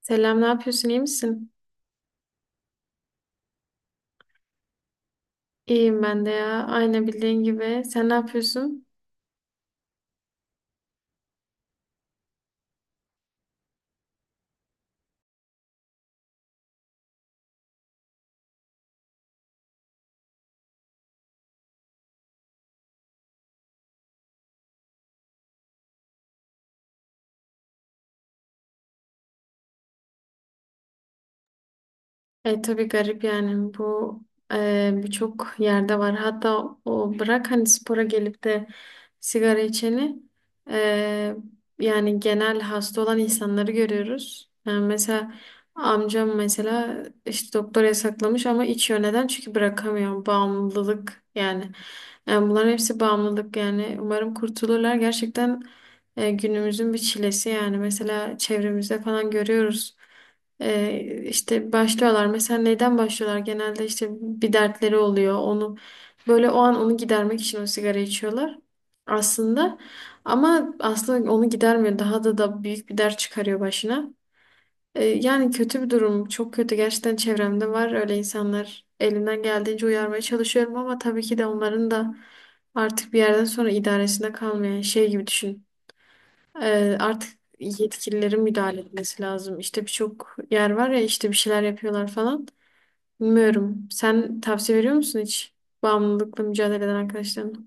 Selam, ne yapıyorsun? İyi misin? İyiyim ben de ya. Aynı bildiğin gibi. Sen ne yapıyorsun? Tabii garip, yani bu birçok yerde var. Hatta o bırak, hani spora gelip de sigara içeni, e, yani genel hasta olan insanları görüyoruz. Yani mesela amcam mesela işte doktor yasaklamış ama içiyor. Neden? Çünkü bırakamıyor. Bağımlılık yani. Yani bunların hepsi bağımlılık yani. Umarım kurtulurlar. Gerçekten günümüzün bir çilesi yani. Mesela çevremizde falan görüyoruz. İşte başlıyorlar. Mesela neyden başlıyorlar? Genelde işte bir dertleri oluyor. Onu böyle o an onu gidermek için o sigara içiyorlar aslında. Ama aslında onu gidermiyor. Daha da büyük bir dert çıkarıyor başına. Yani kötü bir durum. Çok kötü. Gerçekten çevremde var öyle insanlar. Elimden geldiğince uyarmaya çalışıyorum ama tabii ki de onların da artık bir yerden sonra idaresinde kalmayan şey gibi düşün. Artık yetkililerin müdahale etmesi lazım. İşte birçok yer var ya, işte bir şeyler yapıyorlar falan. Bilmiyorum. Sen tavsiye veriyor musun hiç bağımlılıkla mücadele eden arkadaşlarına?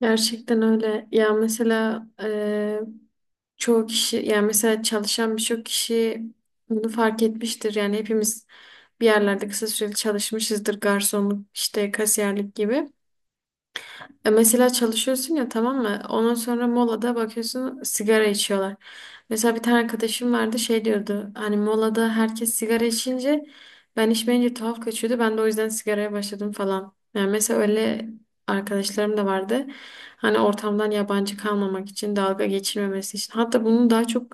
Gerçekten öyle. Ya mesela çoğu kişi, yani mesela çalışan birçok kişi bunu fark etmiştir. Yani hepimiz bir yerlerde kısa süreli çalışmışızdır. Garsonluk, işte kasiyerlik gibi. Mesela çalışıyorsun ya, tamam mı? Ondan sonra molada bakıyorsun sigara içiyorlar. Mesela bir tane arkadaşım vardı, şey diyordu. Hani molada herkes sigara içince ben içmeyince tuhaf kaçıyordu. Ben de o yüzden sigaraya başladım falan. Yani mesela öyle arkadaşlarım da vardı. Hani ortamdan yabancı kalmamak için, dalga geçirmemesi için. Hatta bunu daha çok,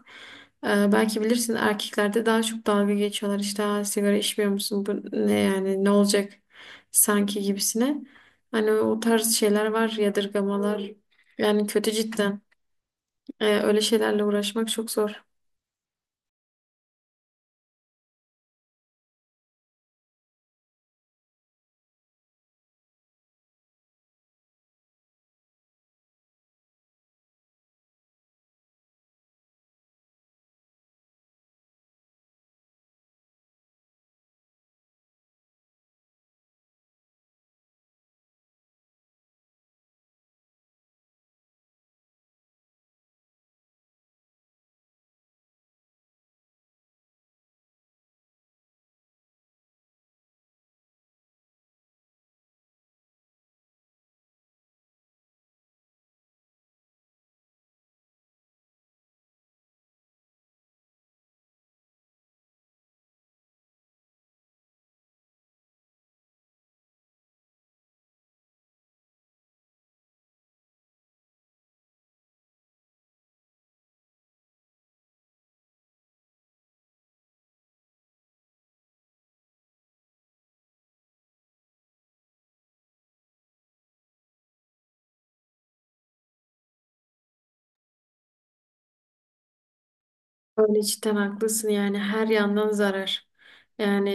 belki bilirsin, erkeklerde daha çok dalga geçiyorlar. İşte "Aa, sigara içmiyor musun? Bu ne yani, ne olacak sanki" gibisine. Hani o tarz şeyler var, yadırgamalar. Yani kötü cidden. Öyle şeylerle uğraşmak çok zor. Öyle cidden haklısın, yani her yandan zarar. Yani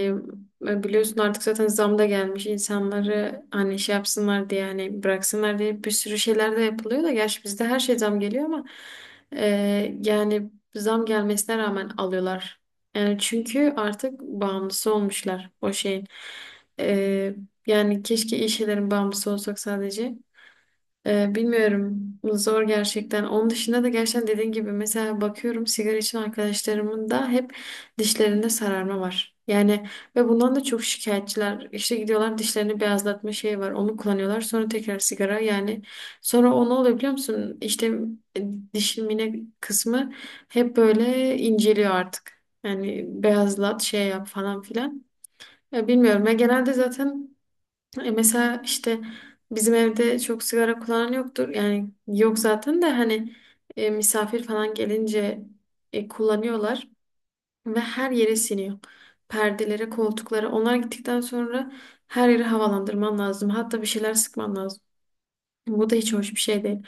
biliyorsun, artık zaten zam da gelmiş, insanları hani şey yapsınlar diye, yani bıraksınlar diye bir sürü şeyler de yapılıyor da, gerçi bizde her şey zam geliyor ama yani zam gelmesine rağmen alıyorlar. Yani çünkü artık bağımlısı olmuşlar o şeyin. E, Yani keşke iyi şeylerin bağımlısı olsak sadece. Bilmiyorum. Zor gerçekten. Onun dışında da gerçekten dediğin gibi mesela bakıyorum sigara içen arkadaşlarımın da hep dişlerinde sararma var. Yani ve bundan da çok şikayetçiler. İşte gidiyorlar, dişlerini beyazlatma şeyi var. Onu kullanıyorlar. Sonra tekrar sigara. Yani sonra o ne oluyor biliyor musun? İşte e, dişin mine kısmı hep böyle inceliyor artık. Yani beyazlat, şey yap falan filan. Ya bilmiyorum. Ya genelde zaten mesela işte bizim evde çok sigara kullanan yoktur. Yani yok zaten de, hani misafir falan gelince kullanıyorlar ve her yere siniyor. Perdelere, koltuklara. Onlar gittikten sonra her yeri havalandırman lazım. Hatta bir şeyler sıkman lazım. Bu da hiç hoş bir şey değil.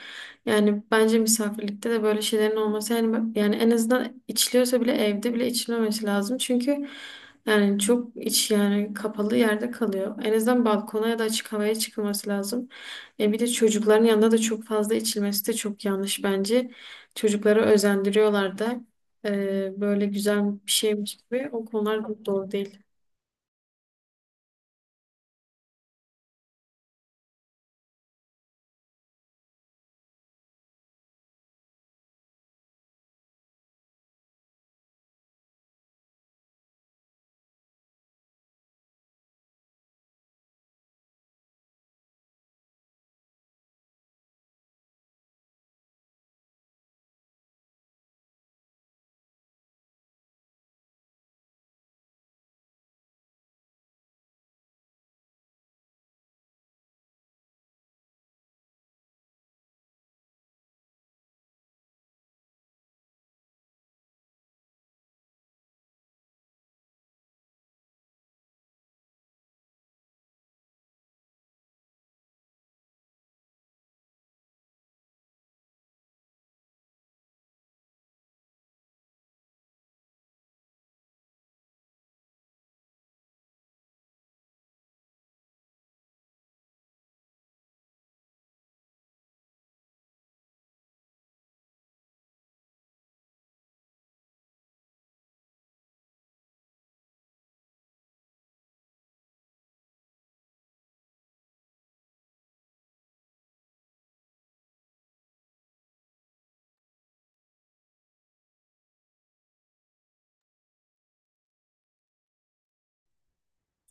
Yani bence misafirlikte de böyle şeylerin olması, yani yani en azından içiliyorsa bile evde bile içilmemesi lazım. Çünkü yani çok iç, yani kapalı yerde kalıyor. En azından balkona ya da açık havaya çıkılması lazım. E bir de çocukların yanında da çok fazla içilmesi de çok yanlış bence. Çocukları özendiriyorlar da. Böyle güzel bir şeymiş gibi, o konular da doğru değil.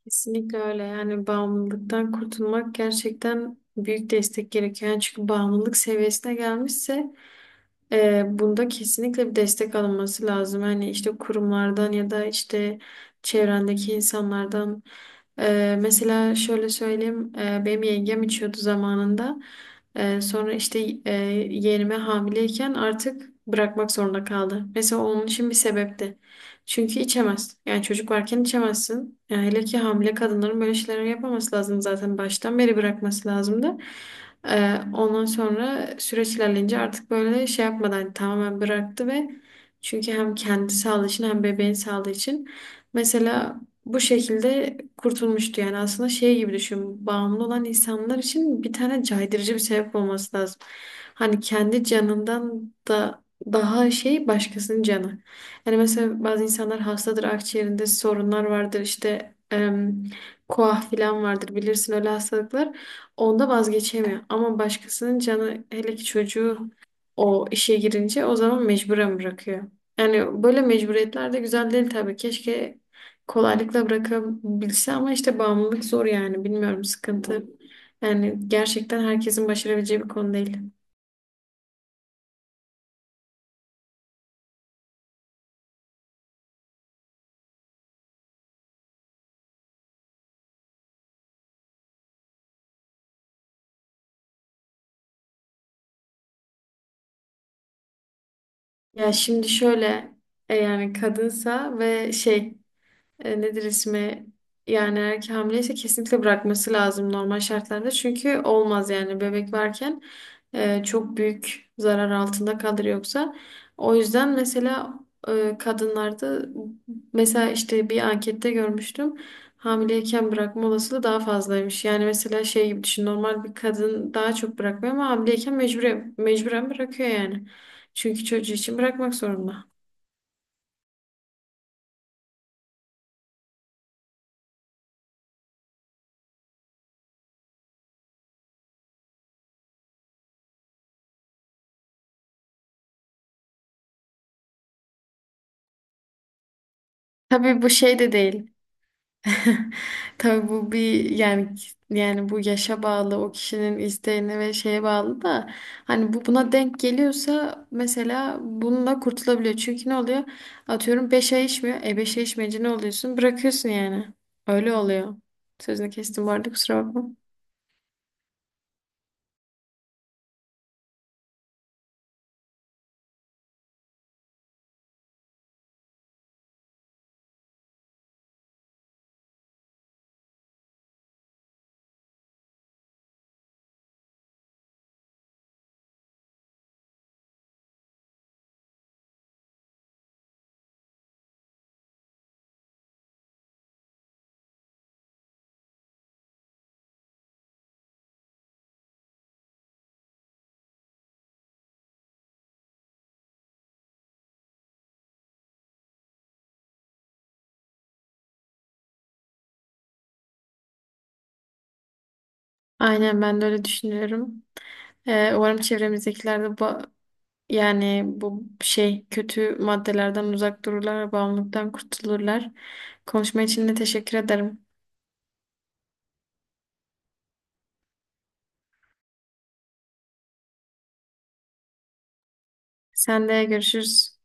Kesinlikle öyle. Yani bağımlılıktan kurtulmak gerçekten büyük destek gerekiyor. Yani çünkü bağımlılık seviyesine gelmişse bunda kesinlikle bir destek alınması lazım. Hani işte kurumlardan ya da işte çevrendeki insanlardan. Mesela şöyle söyleyeyim, benim yengem içiyordu zamanında. Sonra işte e, yeğenime hamileyken artık bırakmak zorunda kaldı. Mesela onun için bir sebepti. Çünkü içemez. Yani çocuk varken içemezsin. Yani hele ki hamile kadınların böyle şeyler yapmaması lazım, zaten baştan beri bırakması lazımdı. Ondan sonra süreç ilerleyince artık böyle şey yapmadan hani tamamen bıraktı ve çünkü hem kendi sağlığı için hem bebeğin sağlığı için mesela bu şekilde kurtulmuştu. Yani aslında şey gibi düşün, bağımlı olan insanlar için bir tane caydırıcı bir sebep olması lazım. Hani kendi canından da daha şey, başkasının canı. Yani mesela bazı insanlar hastadır, akciğerinde sorunlar vardır, işte koah falan vardır, bilirsin öyle hastalıklar. Onda vazgeçemiyor. Ama başkasının canı, hele ki çocuğu o işe girince, o zaman mecburen bırakıyor. Yani böyle mecburiyetler de güzel değil tabii. Keşke kolaylıkla bırakabilse ama işte bağımlılık zor yani. Bilmiyorum, sıkıntı. Yani gerçekten herkesin başarabileceği bir konu değil. Ya şimdi şöyle yani kadınsa ve şey, nedir ismi, yani erkek hamileyse kesinlikle bırakması lazım normal şartlarda. Çünkü olmaz, yani bebek varken çok büyük zarar altında kalır yoksa. O yüzden mesela kadınlarda mesela işte bir ankette görmüştüm. Hamileyken bırakma olasılığı daha fazlaymış. Yani mesela şey gibi düşün, normal bir kadın daha çok bırakmıyor ama hamileyken mecburen bırakıyor yani. Çünkü çocuğu için bırakmak zorunda. Tabii bu şey de değil. Tabii bu bir yani, bu yaşa bağlı, o kişinin isteğine ve şeye bağlı da hani bu buna denk geliyorsa mesela bununla kurtulabiliyor. Çünkü ne oluyor? Atıyorum 5 ay içmiyor. E 5 ay içmeyince ne oluyorsun? Bırakıyorsun yani. Öyle oluyor. Sözünü kestim bu arada, kusura bakma. Aynen ben de öyle düşünüyorum. Umarım çevremizdekiler de yani bu şey, kötü maddelerden uzak dururlar ve bağımlılıktan kurtulurlar. Konuşma için de teşekkür ederim. Sen de görüşürüz.